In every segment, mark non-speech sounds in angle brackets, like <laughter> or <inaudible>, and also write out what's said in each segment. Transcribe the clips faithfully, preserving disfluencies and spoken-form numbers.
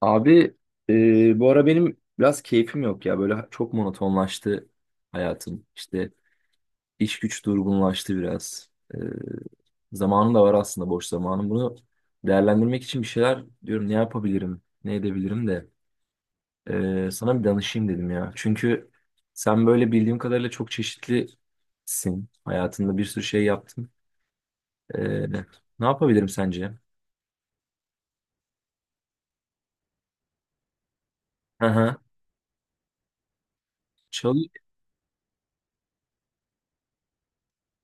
Abi e, bu ara benim biraz keyfim yok ya. Böyle çok monotonlaştı hayatım. İşte iş güç durgunlaştı biraz. E, Zamanım da var aslında boş zamanım. Bunu değerlendirmek için bir şeyler diyorum ne yapabilirim, ne edebilirim de e, sana bir danışayım dedim ya. Çünkü sen böyle bildiğim kadarıyla çok çeşitlisin. Hayatında bir sürü şey yaptın. E, Ne yapabilirim sence? Hı hı. Çalı-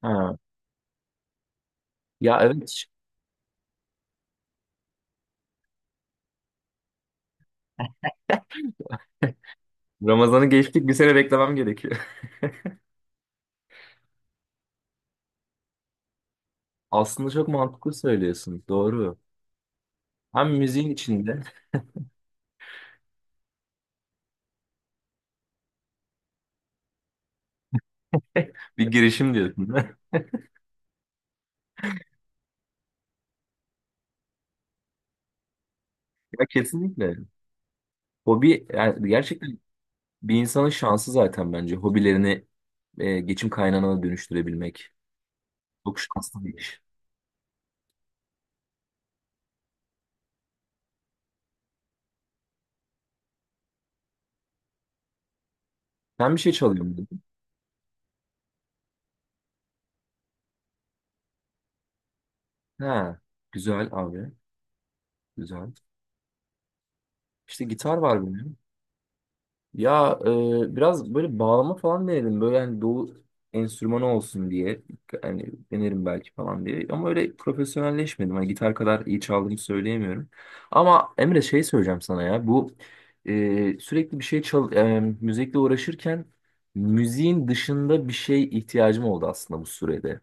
Ha. Ya evet, Ramazan'ı geçtik bir sene beklemem gerekiyor. Aslında çok mantıklı söylüyorsun. Doğru. Hem müziğin içinde <laughs> bir girişim diyorsun. <laughs> Ya kesinlikle. Hobi yani gerçekten bir insanın şansı zaten bence. Hobilerini e, geçim kaynağına dönüştürebilmek. Çok şanslı bir iş. Sen bir şey çalıyor muydun? Ha, güzel abi. Güzel. İşte gitar var benim. Ya e, biraz böyle bağlama falan denedim. Böyle hani doğu enstrümanı olsun diye. Hani denerim belki falan diye. Ama öyle profesyonelleşmedim. Hani gitar kadar iyi çaldığımı söyleyemiyorum. Ama Emre şey söyleyeceğim sana ya. Bu e, sürekli bir şey çal e, müzikle uğraşırken müziğin dışında bir şey ihtiyacım oldu aslında bu sürede.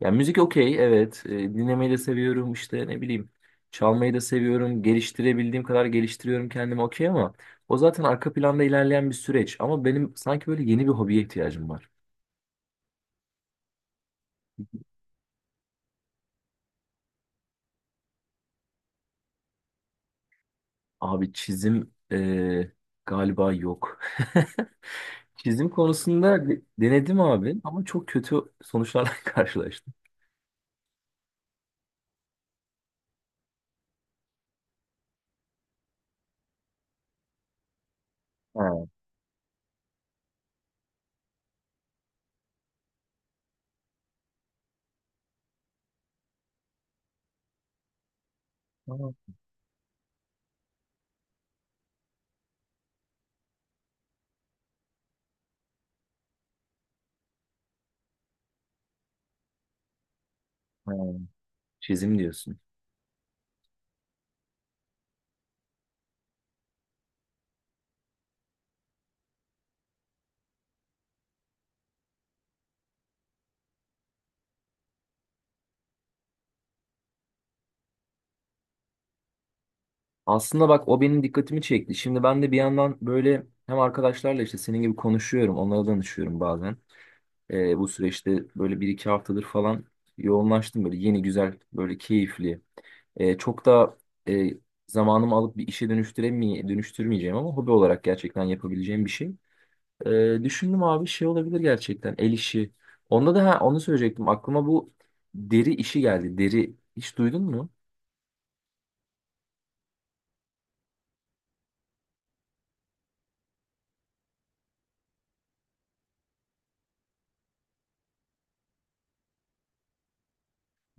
Ya müzik okey, evet. E, dinlemeyi de seviyorum işte ne bileyim. Çalmayı da seviyorum. Geliştirebildiğim kadar geliştiriyorum kendimi, okey, ama o zaten arka planda ilerleyen bir süreç. Ama benim sanki böyle yeni bir hobiye ihtiyacım var. Abi çizim e, galiba yok. <laughs> Çizim konusunda de- denedim abi ama çok kötü sonuçlarla <laughs> karşılaştım. Ha, tamam. Ha, çizim diyorsun. Aslında bak o benim dikkatimi çekti. Şimdi ben de bir yandan böyle hem arkadaşlarla işte senin gibi konuşuyorum, onlara danışıyorum bazen. Ee, bu süreçte böyle bir iki haftadır falan yoğunlaştım böyle yeni güzel böyle keyifli. Ee, çok da e, zamanımı alıp bir işe dönüştüremeye dönüştürmeyeceğim ama hobi olarak gerçekten yapabileceğim bir şey. Ee, düşündüm abi şey olabilir gerçekten el işi. Onda da ha, onu söyleyecektim, aklıma bu deri işi geldi. Deri hiç duydun mu?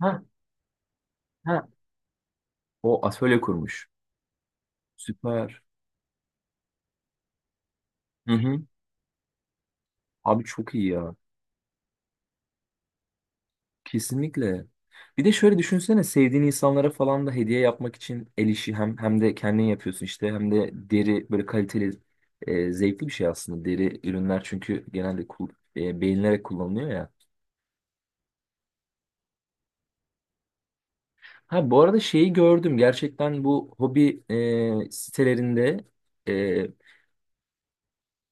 Ha, ha. O atölye kurmuş. Süper. Hı hı. Abi çok iyi ya. Kesinlikle. Bir de şöyle düşünsene sevdiğin insanlara falan da hediye yapmak için el işi hem hem de kendin yapıyorsun işte hem de deri böyle kaliteli e, zevkli bir şey aslında deri ürünler çünkü genelde kul, e, beğenilerek kullanılıyor ya. Ha bu arada şeyi gördüm gerçekten bu hobi e, sitelerinde e,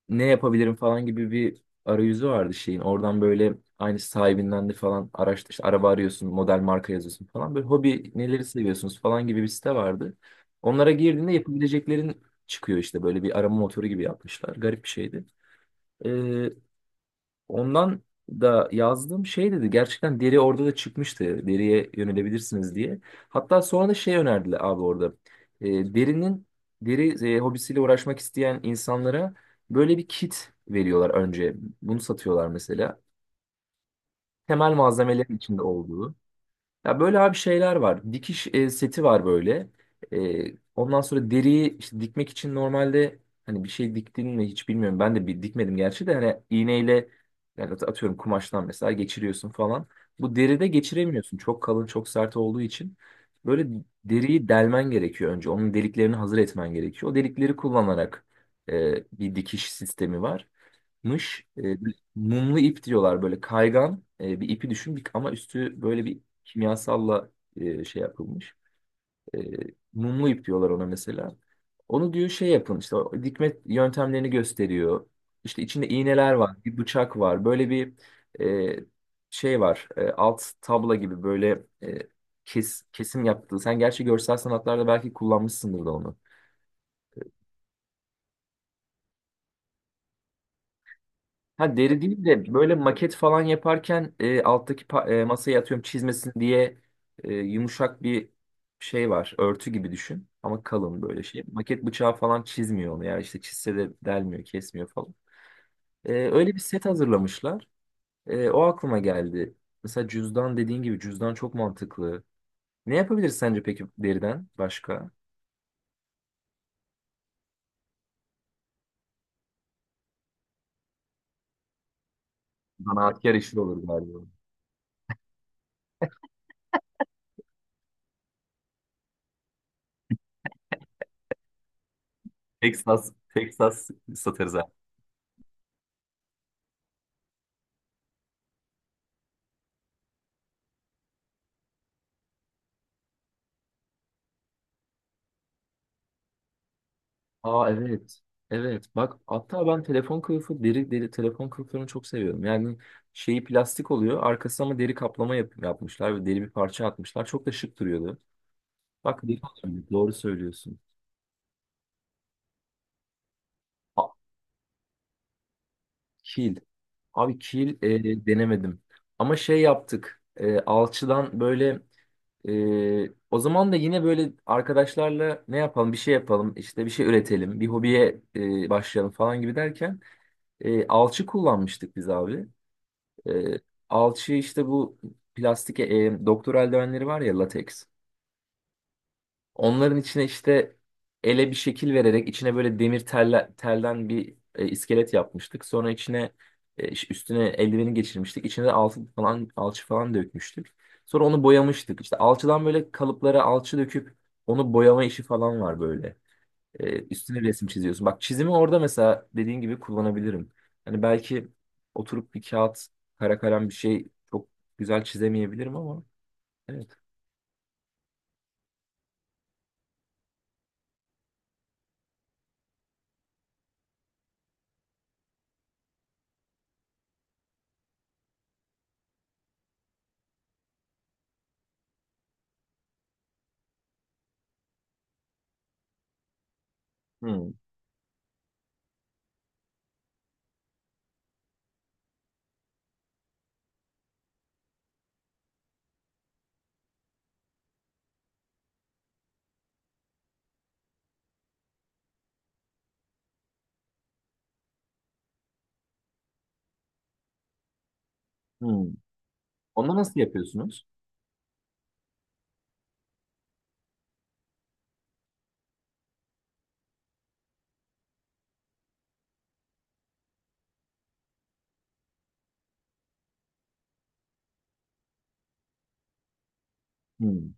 ne yapabilirim falan gibi bir arayüzü vardı şeyin. Oradan böyle aynı sahibinden de falan araştır. İşte araba arıyorsun, model marka yazıyorsun falan. Böyle hobi neleri seviyorsunuz falan gibi bir site vardı. Onlara girdiğinde yapabileceklerin çıkıyor işte böyle bir arama motoru gibi yapmışlar. Garip bir şeydi. Ee, Ondan da yazdım şey dedi gerçekten deri orada da çıkmıştı, deriye yönelebilirsiniz diye. Hatta sonra da şey önerdiler abi orada. E, derinin deri e, hobisiyle uğraşmak isteyen insanlara böyle bir kit veriyorlar önce. Bunu satıyorlar mesela. Temel malzemelerin içinde olduğu. Ya böyle abi şeyler var. Dikiş e, seti var böyle. E, ondan sonra deriyi işte dikmek için normalde hani bir şey diktin mi hiç bilmiyorum. Ben de bir dikmedim gerçi de hani iğneyle yani at- atıyorum kumaştan mesela geçiriyorsun falan. Bu deride geçiremiyorsun. Çok kalın, çok sert olduğu için. Böyle deriyi delmen gerekiyor önce. Onun deliklerini hazır etmen gerekiyor. O delikleri kullanarak e, bir dikiş sistemi var mış e, bir mumlu ip diyorlar, böyle kaygan e, bir ipi düşün bir- ama üstü böyle bir kimyasalla e, şey yapılmış. E, mumlu ip diyorlar ona mesela. Onu diyor şey yapın işte, o dikme yöntemlerini gösteriyor. İşte içinde iğneler var, bir bıçak var. Böyle bir e, şey var. E, alt tabla gibi böyle e, kes, kesim yaptığı. Sen gerçi görsel sanatlarda belki kullanmışsındır da onu. Ha deri değil de böyle maket falan yaparken e, alttaki pa- e, masaya atıyorum çizmesin diye e, yumuşak bir şey var. Örtü gibi düşün ama kalın böyle şey. Maket bıçağı falan çizmiyor onu ya, işte çizse de delmiyor, kesmiyor falan. E, öyle bir set hazırlamışlar. E, o aklıma geldi. Mesela cüzdan dediğin gibi, cüzdan çok mantıklı. Ne yapabiliriz sence peki deriden başka? Zanaatkar işi olur galiba. Texas, Texas satarız. Aa evet. Evet bak, hatta ben telefon kılıfı deri deri telefon kılıflarını çok seviyorum. Yani şeyi plastik oluyor arkası ama deri kaplama yap- yapmışlar ve deri bir parça atmışlar. Çok da şık duruyordu. Bak, deri kaplama, doğru söylüyorsun. A- kil. Abi kil e, denemedim. Ama şey yaptık. E, alçıdan böyle e, o zaman da yine böyle arkadaşlarla ne yapalım bir şey yapalım işte bir şey üretelim bir hobiye e, başlayalım falan gibi derken e, alçı kullanmıştık biz abi. E, alçı işte bu plastik e, doktor eldivenleri var ya, lateks. Onların içine işte ele bir şekil vererek içine böyle demir telle, telden bir e, iskelet yapmıştık. Sonra içine e, iş- üstüne eldiveni geçirmiştik. İçine de alçı falan alçı falan dökmüştük. Sonra onu boyamıştık. İşte alçıdan böyle kalıplara alçı döküp onu boyama işi falan var böyle. E, üstüne resim çiziyorsun. Bak, çizimi orada mesela dediğin gibi kullanabilirim. Hani belki oturup bir kağıt, kara kalem bir şey çok güzel çizemeyebilirim ama evet. Hmm, hmm. Onu nasıl yapıyorsunuz? Hmm,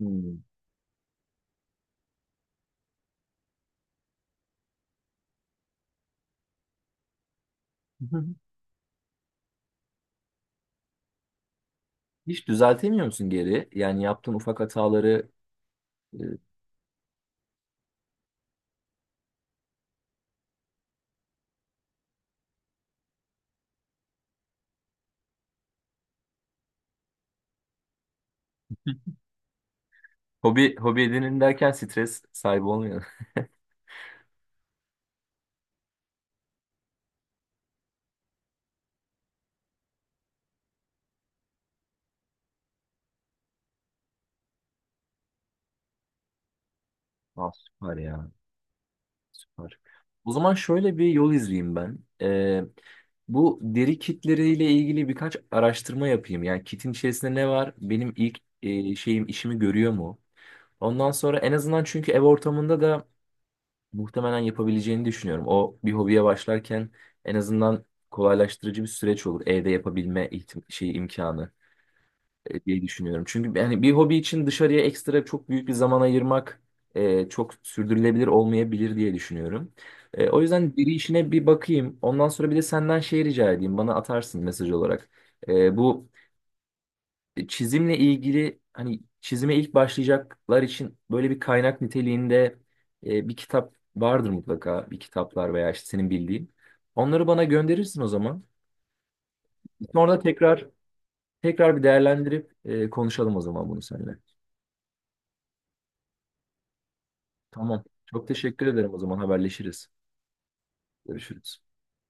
hmm. <laughs> Hiç düzeltemiyor musun geri? Yani yaptığın ufak hataları e, hobi hobi edinin derken stres sahibi olmuyor. <laughs> Ah, süper ya. Süper. O zaman şöyle bir yol izleyeyim ben. Ee, bu deri kitleriyle ilgili birkaç araştırma yapayım. Yani kitin içerisinde ne var? Benim ilk e, şeyim işimi görüyor mu? Ondan sonra en azından, çünkü ev ortamında da muhtemelen yapabileceğini düşünüyorum. O bir hobiye başlarken en azından kolaylaştırıcı bir süreç olur. Evde yapabilme ihtim- şey imkanı e, diye düşünüyorum. Çünkü yani bir hobi için dışarıya ekstra çok büyük bir zaman ayırmak e, çok sürdürülebilir olmayabilir diye düşünüyorum. E, o yüzden diri işine bir bakayım. Ondan sonra bir de senden şey rica edeyim. Bana atarsın mesaj olarak. E, bu çizimle ilgili hani çizime ilk başlayacaklar için böyle bir kaynak niteliğinde e, bir kitap vardır mutlaka. Bir kitaplar veya işte senin bildiğin. Onları bana gönderirsin o zaman. Sonra tekrar tekrar bir değerlendirip e, konuşalım o zaman bunu seninle. Tamam. Çok teşekkür ederim, o zaman haberleşiriz. Görüşürüz.